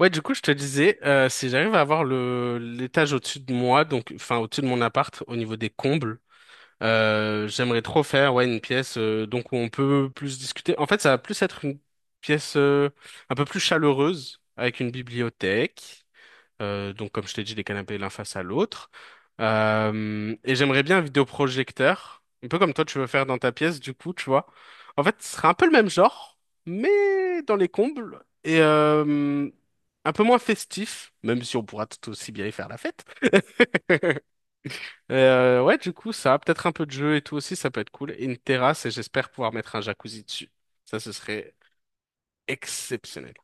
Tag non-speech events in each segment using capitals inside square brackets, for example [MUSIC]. Ouais, du coup, je te disais, si j'arrive à avoir le l'étage au-dessus de moi, donc enfin au-dessus de mon appart, au niveau des combles, j'aimerais trop faire ouais une pièce donc où on peut plus discuter. En fait, ça va plus être une pièce un peu plus chaleureuse avec une bibliothèque. Donc, comme je t'ai dit, les canapés l'un face à l'autre. Et j'aimerais bien un vidéoprojecteur, un peu comme toi tu veux faire dans ta pièce, du coup, tu vois. En fait, ce serait un peu le même genre, mais dans les combles et un peu moins festif, même si on pourra tout aussi bien y faire la fête. [LAUGHS] Ouais, du coup, ça, peut-être un peu de jeu et tout aussi, ça peut être cool. Et une terrasse, et j'espère pouvoir mettre un jacuzzi dessus. Ça, ce serait exceptionnel.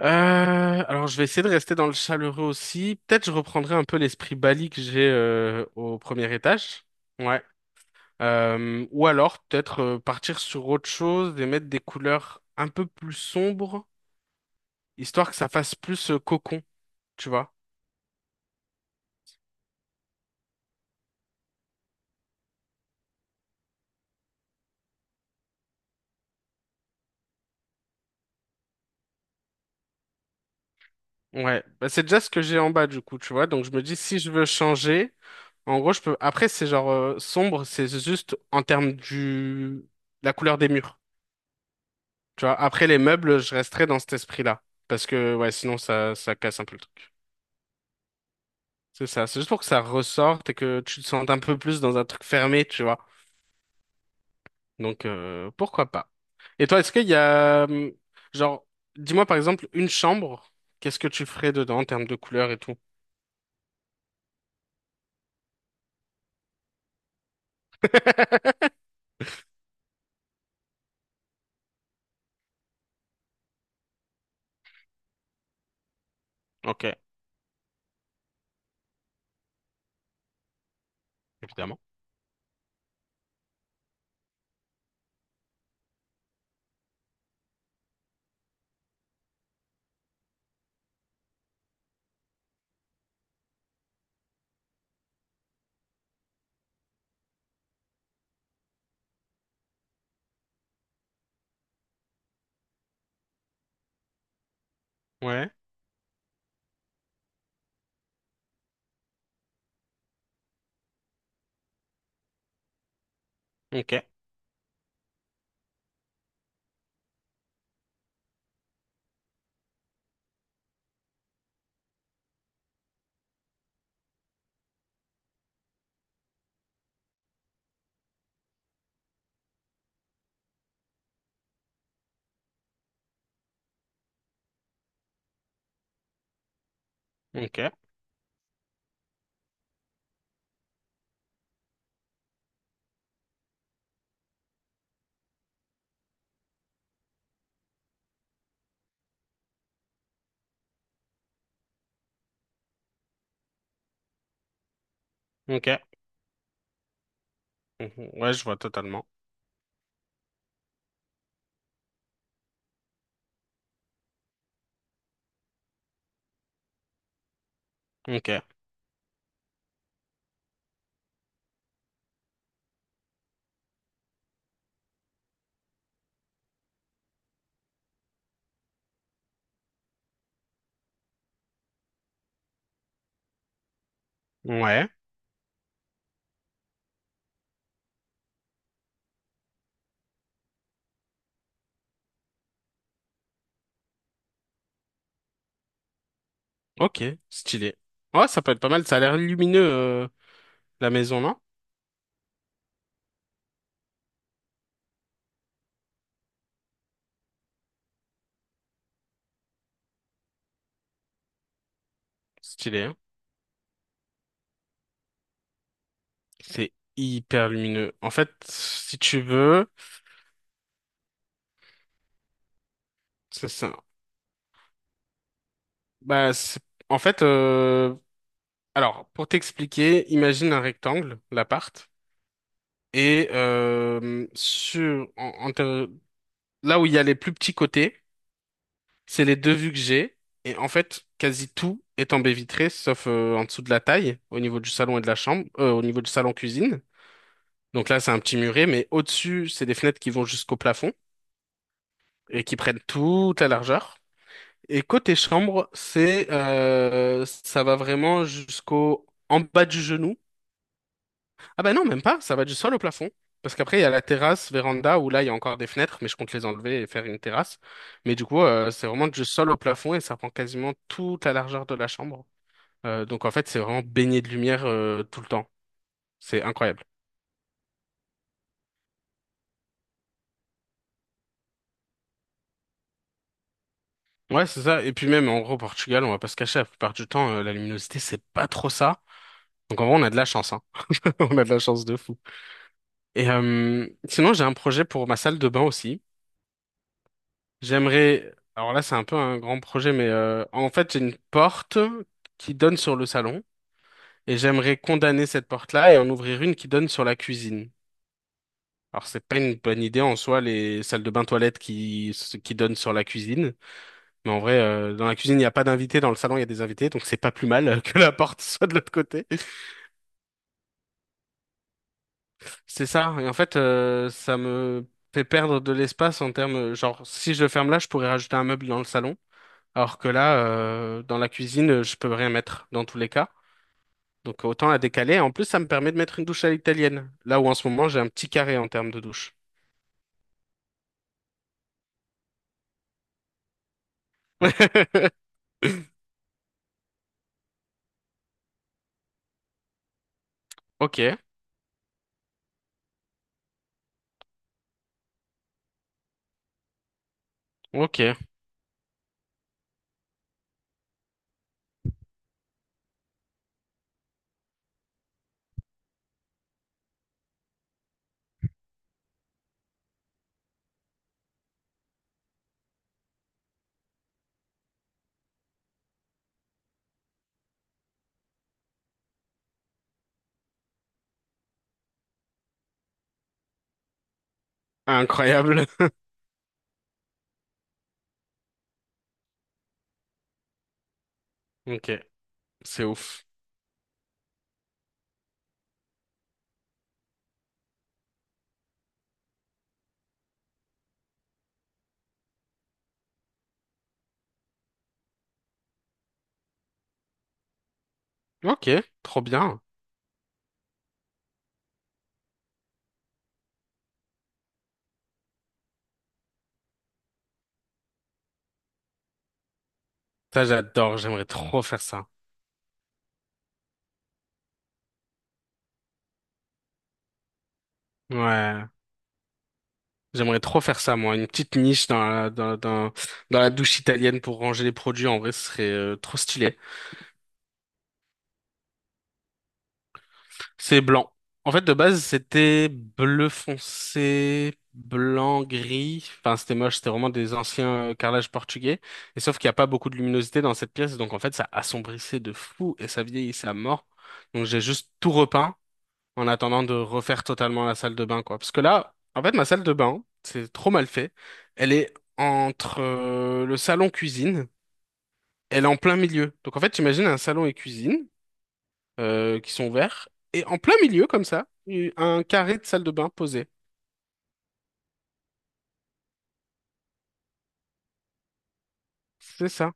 Euh, alors je vais essayer de rester dans le chaleureux aussi. Peut-être je reprendrai un peu l'esprit Bali que j'ai au premier étage. Ouais. Ou alors peut-être partir sur autre chose et mettre des couleurs un peu plus sombres, histoire que ça fasse plus cocon, tu vois. Ouais. Bah, c'est déjà ce que j'ai en bas du coup, tu vois. Donc je me dis si je veux changer, en gros je peux. Après c'est genre sombre, c'est juste en termes du la couleur des murs. Tu vois, après les meubles, je resterai dans cet esprit-là. Parce que, ouais, sinon, ça casse un peu le truc. C'est ça. C'est juste pour que ça ressorte et que tu te sentes un peu plus dans un truc fermé, tu vois. Donc, pourquoi pas. Et toi, est-ce qu'il y a, genre, dis-moi par exemple, une chambre, qu'est-ce que tu ferais dedans en termes de couleurs et tout? [LAUGHS] Ok, évidemment. Ouais, ok, ok, ok. Mhm. Ouais, je vois totalement. Ok, ouais, ok, stylé. Ouais, ça peut être pas mal, ça a l'air lumineux, la maison, non? Stylé, hein. C'est hyper lumineux. En fait, si tu veux, c'est ça. Bah, en fait, alors, pour t'expliquer, imagine un rectangle, l'appart, et sur, en- en te- là où il y a les plus petits côtés, c'est les deux vues que j'ai, et en fait, quasi tout est en baie vitrée, sauf en dessous de la taille, au niveau du salon et de la chambre, au niveau du salon-cuisine. Donc là, c'est un petit muret, mais au-dessus, c'est des fenêtres qui vont jusqu'au plafond et qui prennent toute la largeur. Et côté chambre, c'est ça va vraiment jusqu'au en bas du genou. Ah bah non, même pas, ça va du sol au plafond. Parce qu'après, il y a la terrasse, véranda, où là, il y a encore des fenêtres, mais je compte les enlever et faire une terrasse. Mais du coup, c'est vraiment du sol au plafond et ça prend quasiment toute la largeur de la chambre. Donc en fait, c'est vraiment baigné de lumière tout le temps. C'est incroyable. Ouais, c'est ça. Et puis même, en gros, au Portugal, on va pas se cacher, la plupart du temps, la luminosité, c'est pas trop ça. Donc en vrai, on a de la chance, hein. [LAUGHS] On a de la chance de fou. Et sinon, j'ai un projet pour ma salle de bain aussi. Alors là, c'est un peu un grand projet, mais en fait, j'ai une porte qui donne sur le salon et j'aimerais condamner cette porte-là et en ouvrir une qui donne sur la cuisine. Alors, c'est pas une bonne idée en soi, les salles de bain toilettes qui donnent sur la cuisine. Mais en vrai, dans la cuisine, il n'y a pas d'invités, dans le salon, il y a des invités, donc c'est pas plus mal [LAUGHS] que la porte soit de l'autre côté. C'est ça. Et en fait, ça me fait perdre de l'espace en termes, genre, si je le ferme là, je pourrais rajouter un meuble dans le salon. Alors que là, dans la cuisine, je peux rien mettre dans tous les cas. Donc autant la décaler. En plus, ça me permet de mettre une douche à l'italienne. Là où en ce moment, j'ai un petit carré en termes de douche. [LAUGHS] Ok, ok. Incroyable. [LAUGHS] Ok, c'est ouf. Ok, trop bien. Ça, j'adore. J'aimerais trop faire ça. Ouais, j'aimerais trop faire ça, moi. Une petite niche dans la douche italienne pour ranger les produits. En vrai, ce serait trop stylé. C'est blanc. En fait, de base, c'était bleu foncé, blanc, gris. Enfin, c'était moche, c'était vraiment des anciens carrelages portugais. Et sauf qu'il n'y a pas beaucoup de luminosité dans cette pièce, donc en fait, ça assombrissait de fou et ça vieillissait à mort. Donc j'ai juste tout repeint en attendant de refaire totalement la salle de bain, quoi. Parce que là, en fait, ma salle de bain, c'est trop mal fait. Elle est entre le salon cuisine, elle est en plein milieu. Donc en fait, t'imagines un salon et cuisine qui sont verts. Et en plein milieu, comme ça, un carré de salle de bain posé. C'est ça.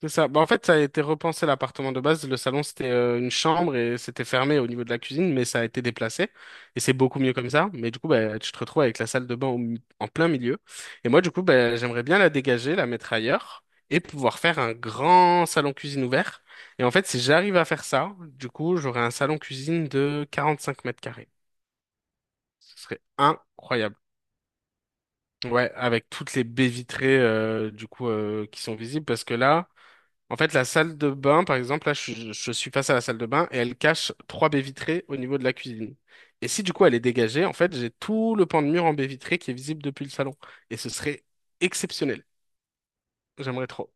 C'est ça. Bah, en fait, ça a été repensé l'appartement de base. Le salon, c'était une chambre et c'était fermé au niveau de la cuisine, mais ça a été déplacé. Et c'est beaucoup mieux comme ça. Mais du coup, bah, tu te retrouves avec la salle de bain en plein milieu. Et moi, du coup, bah, j'aimerais bien la dégager, la mettre ailleurs et pouvoir faire un grand salon cuisine ouvert. Et en fait, si j'arrive à faire ça, du coup, j'aurai un salon cuisine de 45 mètres carrés. Ce serait incroyable. Ouais, avec toutes les baies vitrées du coup qui sont visibles parce que là, en fait, la salle de bain, par exemple, là, je suis face à la salle de bain et elle cache trois baies vitrées au niveau de la cuisine. Et si du coup elle est dégagée, en fait, j'ai tout le pan de mur en baies vitrées qui est visible depuis le salon. Et ce serait exceptionnel. J'aimerais trop.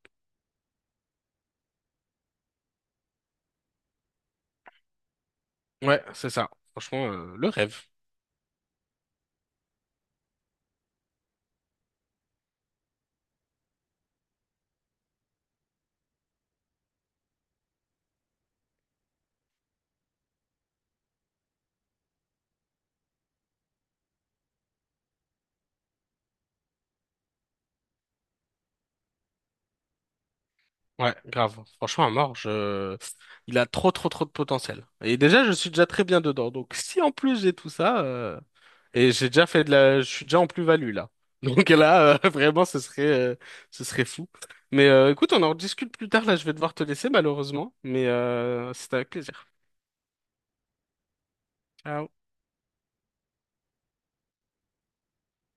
Ouais, c'est ça. Franchement, le rêve. Ouais, grave. Franchement, à mort, il a trop, trop, trop de potentiel. Et déjà, je suis déjà très bien dedans. Donc, si en plus j'ai tout ça. Et j'ai déjà fait de la, je suis déjà en plus-value là. [LAUGHS] Donc là, [LAUGHS] vraiment, ce serait fou. Mais écoute, on en rediscute plus tard. Là, je vais devoir te laisser malheureusement, mais c'était avec plaisir. Ciao.